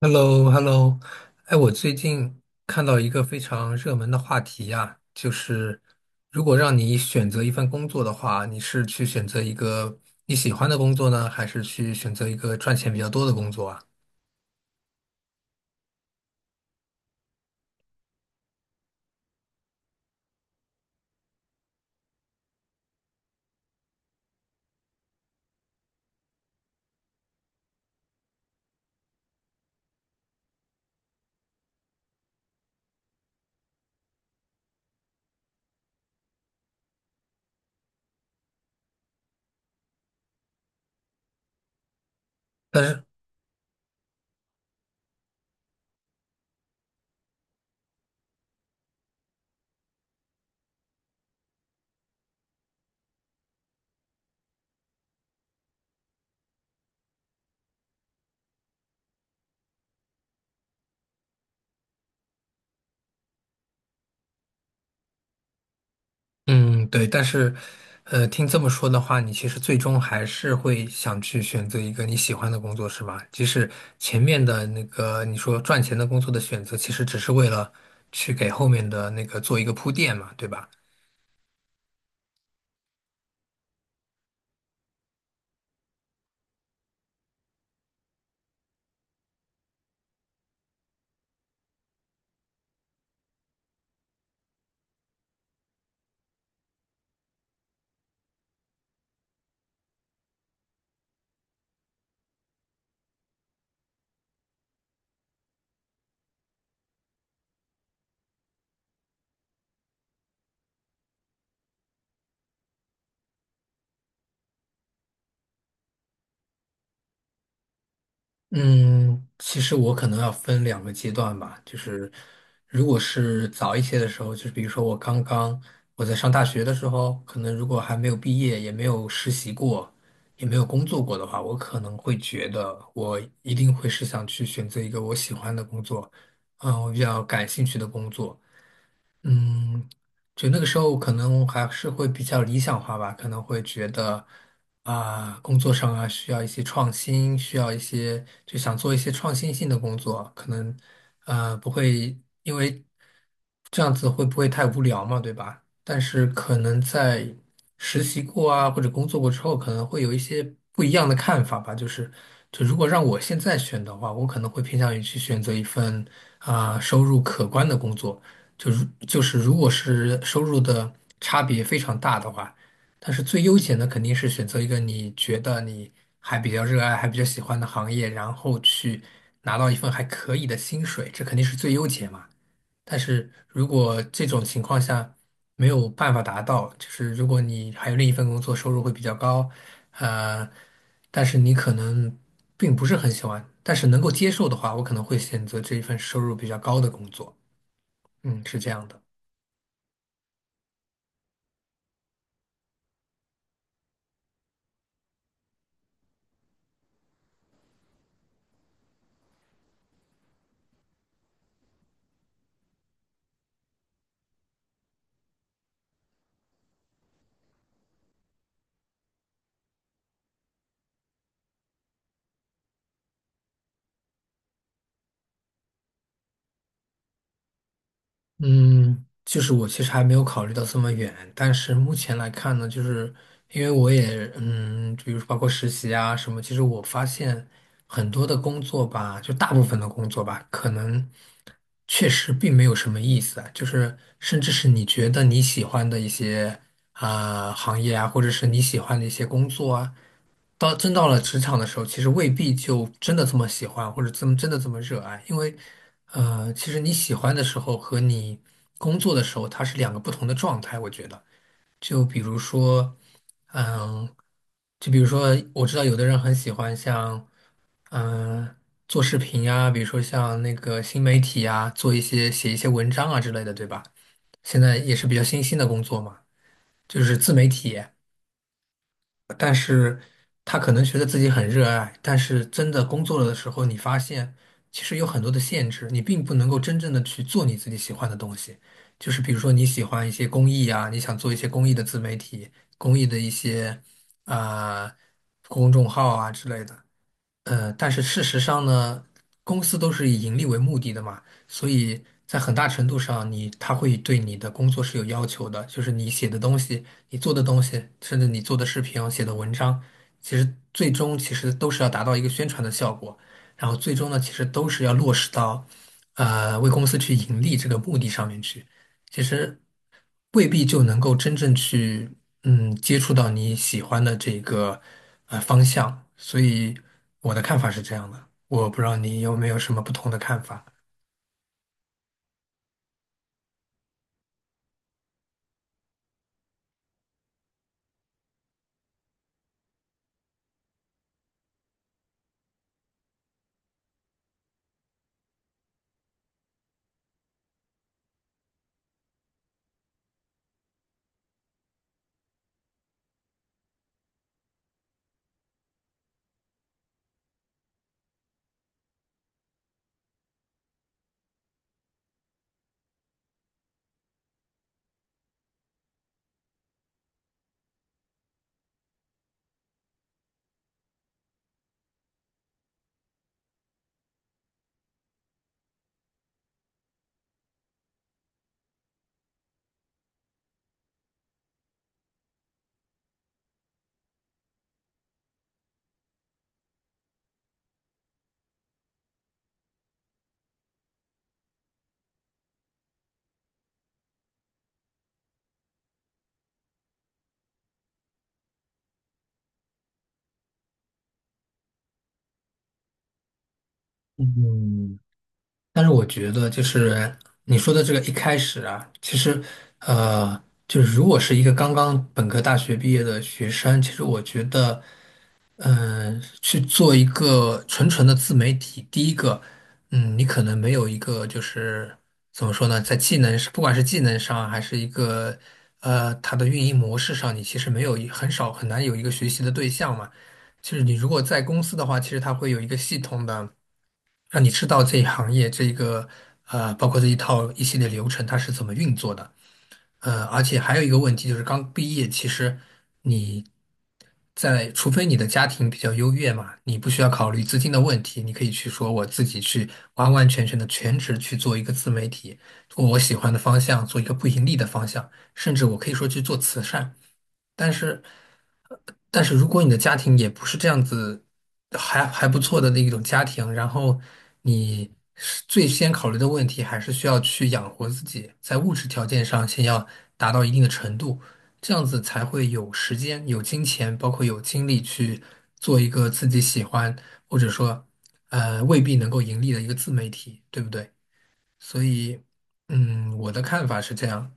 Hello, hello. 哎，我最近看到一个非常热门的话题呀，就是如果让你选择一份工作的话，你是去选择一个你喜欢的工作呢，还是去选择一个赚钱比较多的工作啊？但是，嗯，对，但是，听这么说的话，你其实最终还是会想去选择一个你喜欢的工作，是吧？即使前面的那个你说赚钱的工作的选择，其实只是为了去给后面的那个做一个铺垫嘛，对吧？嗯，其实我可能要分两个阶段吧，就是如果是早一些的时候，就是比如说我刚刚我在上大学的时候，可能如果还没有毕业，也没有实习过，也没有工作过的话，我可能会觉得我一定会是想去选择一个我喜欢的工作，嗯，我比较感兴趣的工作。嗯，就那个时候可能还是会比较理想化吧，可能会觉得啊、工作上啊需要一些创新，需要一些就想做一些创新性的工作，可能不会因为这样子会不会太无聊嘛，对吧？但是可能在实习过啊或者工作过之后，可能会有一些不一样的看法吧。就是就如果让我现在选的话，我可能会偏向于去选择一份啊、收入可观的工作。就是如果是收入的差别非常大的话，但是最优解呢，肯定是选择一个你觉得你还比较热爱、还比较喜欢的行业，然后去拿到一份还可以的薪水，这肯定是最优解嘛。但是如果这种情况下没有办法达到，就是如果你还有另一份工作，收入会比较高，呃，但是你可能并不是很喜欢，但是能够接受的话，我可能会选择这一份收入比较高的工作。嗯，是这样的。嗯，就是我其实还没有考虑到这么远，但是目前来看呢，就是因为我也比如说包括实习啊什么，其实我发现很多的工作吧，就大部分的工作吧，可能确实并没有什么意思啊，就是甚至是你觉得你喜欢的一些啊、行业啊，或者是你喜欢的一些工作啊。到真到了职场的时候，其实未必就真的这么喜欢，或者这么真的这么热爱，因为，其实你喜欢的时候和你工作的时候，它是两个不同的状态。我觉得，就比如说，嗯，就比如说，我知道有的人很喜欢像，嗯，做视频呀，比如说像那个新媒体呀，做一些写一些文章啊之类的，对吧？现在也是比较新兴的工作嘛，就是自媒体。但是他可能觉得自己很热爱，但是真的工作了的时候，你发现其实有很多的限制，你并不能够真正的去做你自己喜欢的东西。就是比如说你喜欢一些公益啊，你想做一些公益的自媒体、公益的一些啊、公众号啊之类的，但是事实上呢，公司都是以盈利为目的的嘛，所以在很大程度上你，他会对你的工作是有要求的，就是你写的东西、你做的东西，甚至你做的视频啊、写的文章，其实最终其实都是要达到一个宣传的效果，然后最终呢，其实都是要落实到，为公司去盈利这个目的上面去，其实未必就能够真正去。嗯，接触到你喜欢的这个方向，所以我的看法是这样的。我不知道你有没有什么不同的看法。嗯，但是我觉得就是你说的这个一开始啊，其实呃，就是如果是一个刚刚本科大学毕业的学生，其实我觉得。嗯，去做一个纯纯的自媒体，第一个，嗯，你可能没有一个就是怎么说呢，在技能，不管是技能上还是一个它的运营模式上，你其实没有很少很难有一个学习的对象嘛。就是你如果在公司的话，其实它会有一个系统的让你知道这一行业这一个包括这一套一系列流程它是怎么运作的。而且还有一个问题就是，刚毕业，其实你在，除非你的家庭比较优越嘛，你不需要考虑资金的问题，你可以去说我自己去完完全全的全职去做一个自媒体，做我喜欢的方向，做一个不盈利的方向，甚至我可以说去做慈善。但是，但是如果你的家庭也不是这样子，还不错的那一种家庭，然后你是最先考虑的问题还是需要去养活自己，在物质条件上先要达到一定的程度，这样子才会有时间、有金钱，包括有精力去做一个自己喜欢，或者说，未必能够盈利的一个自媒体，对不对？所以，嗯，我的看法是这样。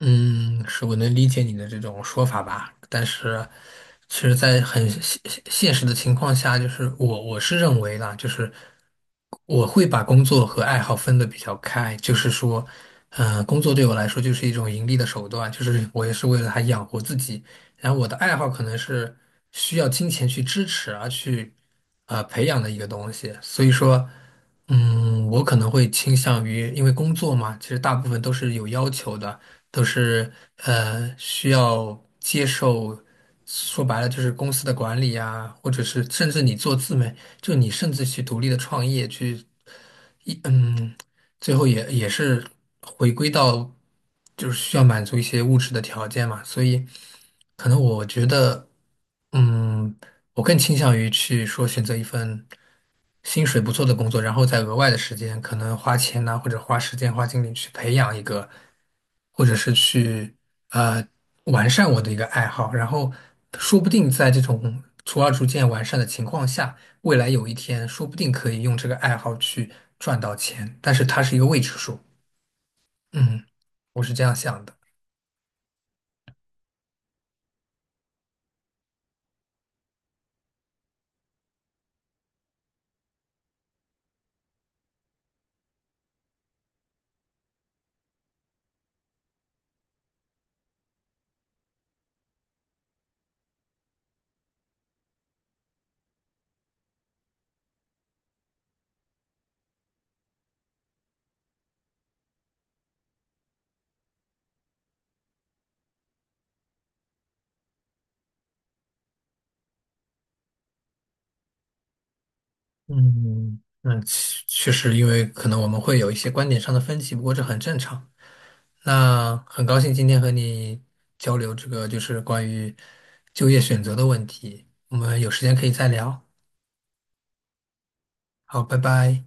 嗯，是我能理解你的这种说法吧，但是，其实，在很现实的情况下，就是我是认为啦，就是我会把工作和爱好分得比较开，就是说，工作对我来说就是一种盈利的手段，就是我也是为了它养活自己，然后我的爱好可能是需要金钱去支持而去啊、培养的一个东西，所以说，嗯，我可能会倾向于，因为工作嘛，其实大部分都是有要求的，都是需要接受，说白了就是公司的管理啊，或者是甚至你做自媒，就你甚至去独立的创业去。嗯，最后也是回归到，就是需要满足一些物质的条件嘛，所以可能我觉得，嗯，我更倾向于去说选择一份。薪水不错的工作，然后再额外的时间，可能花钱呐、或者花时间、花精力去培养一个，或者是去呃完善我的一个爱好，然后说不定在这种逐渐完善的情况下，未来有一天说不定可以用这个爱好去赚到钱，但是它是一个未知数。嗯，我是这样想的。嗯，那确实，因为可能我们会有一些观点上的分歧，不过这很正常。那很高兴今天和你交流这个就是关于就业选择的问题，我们有时间可以再聊。好，拜拜。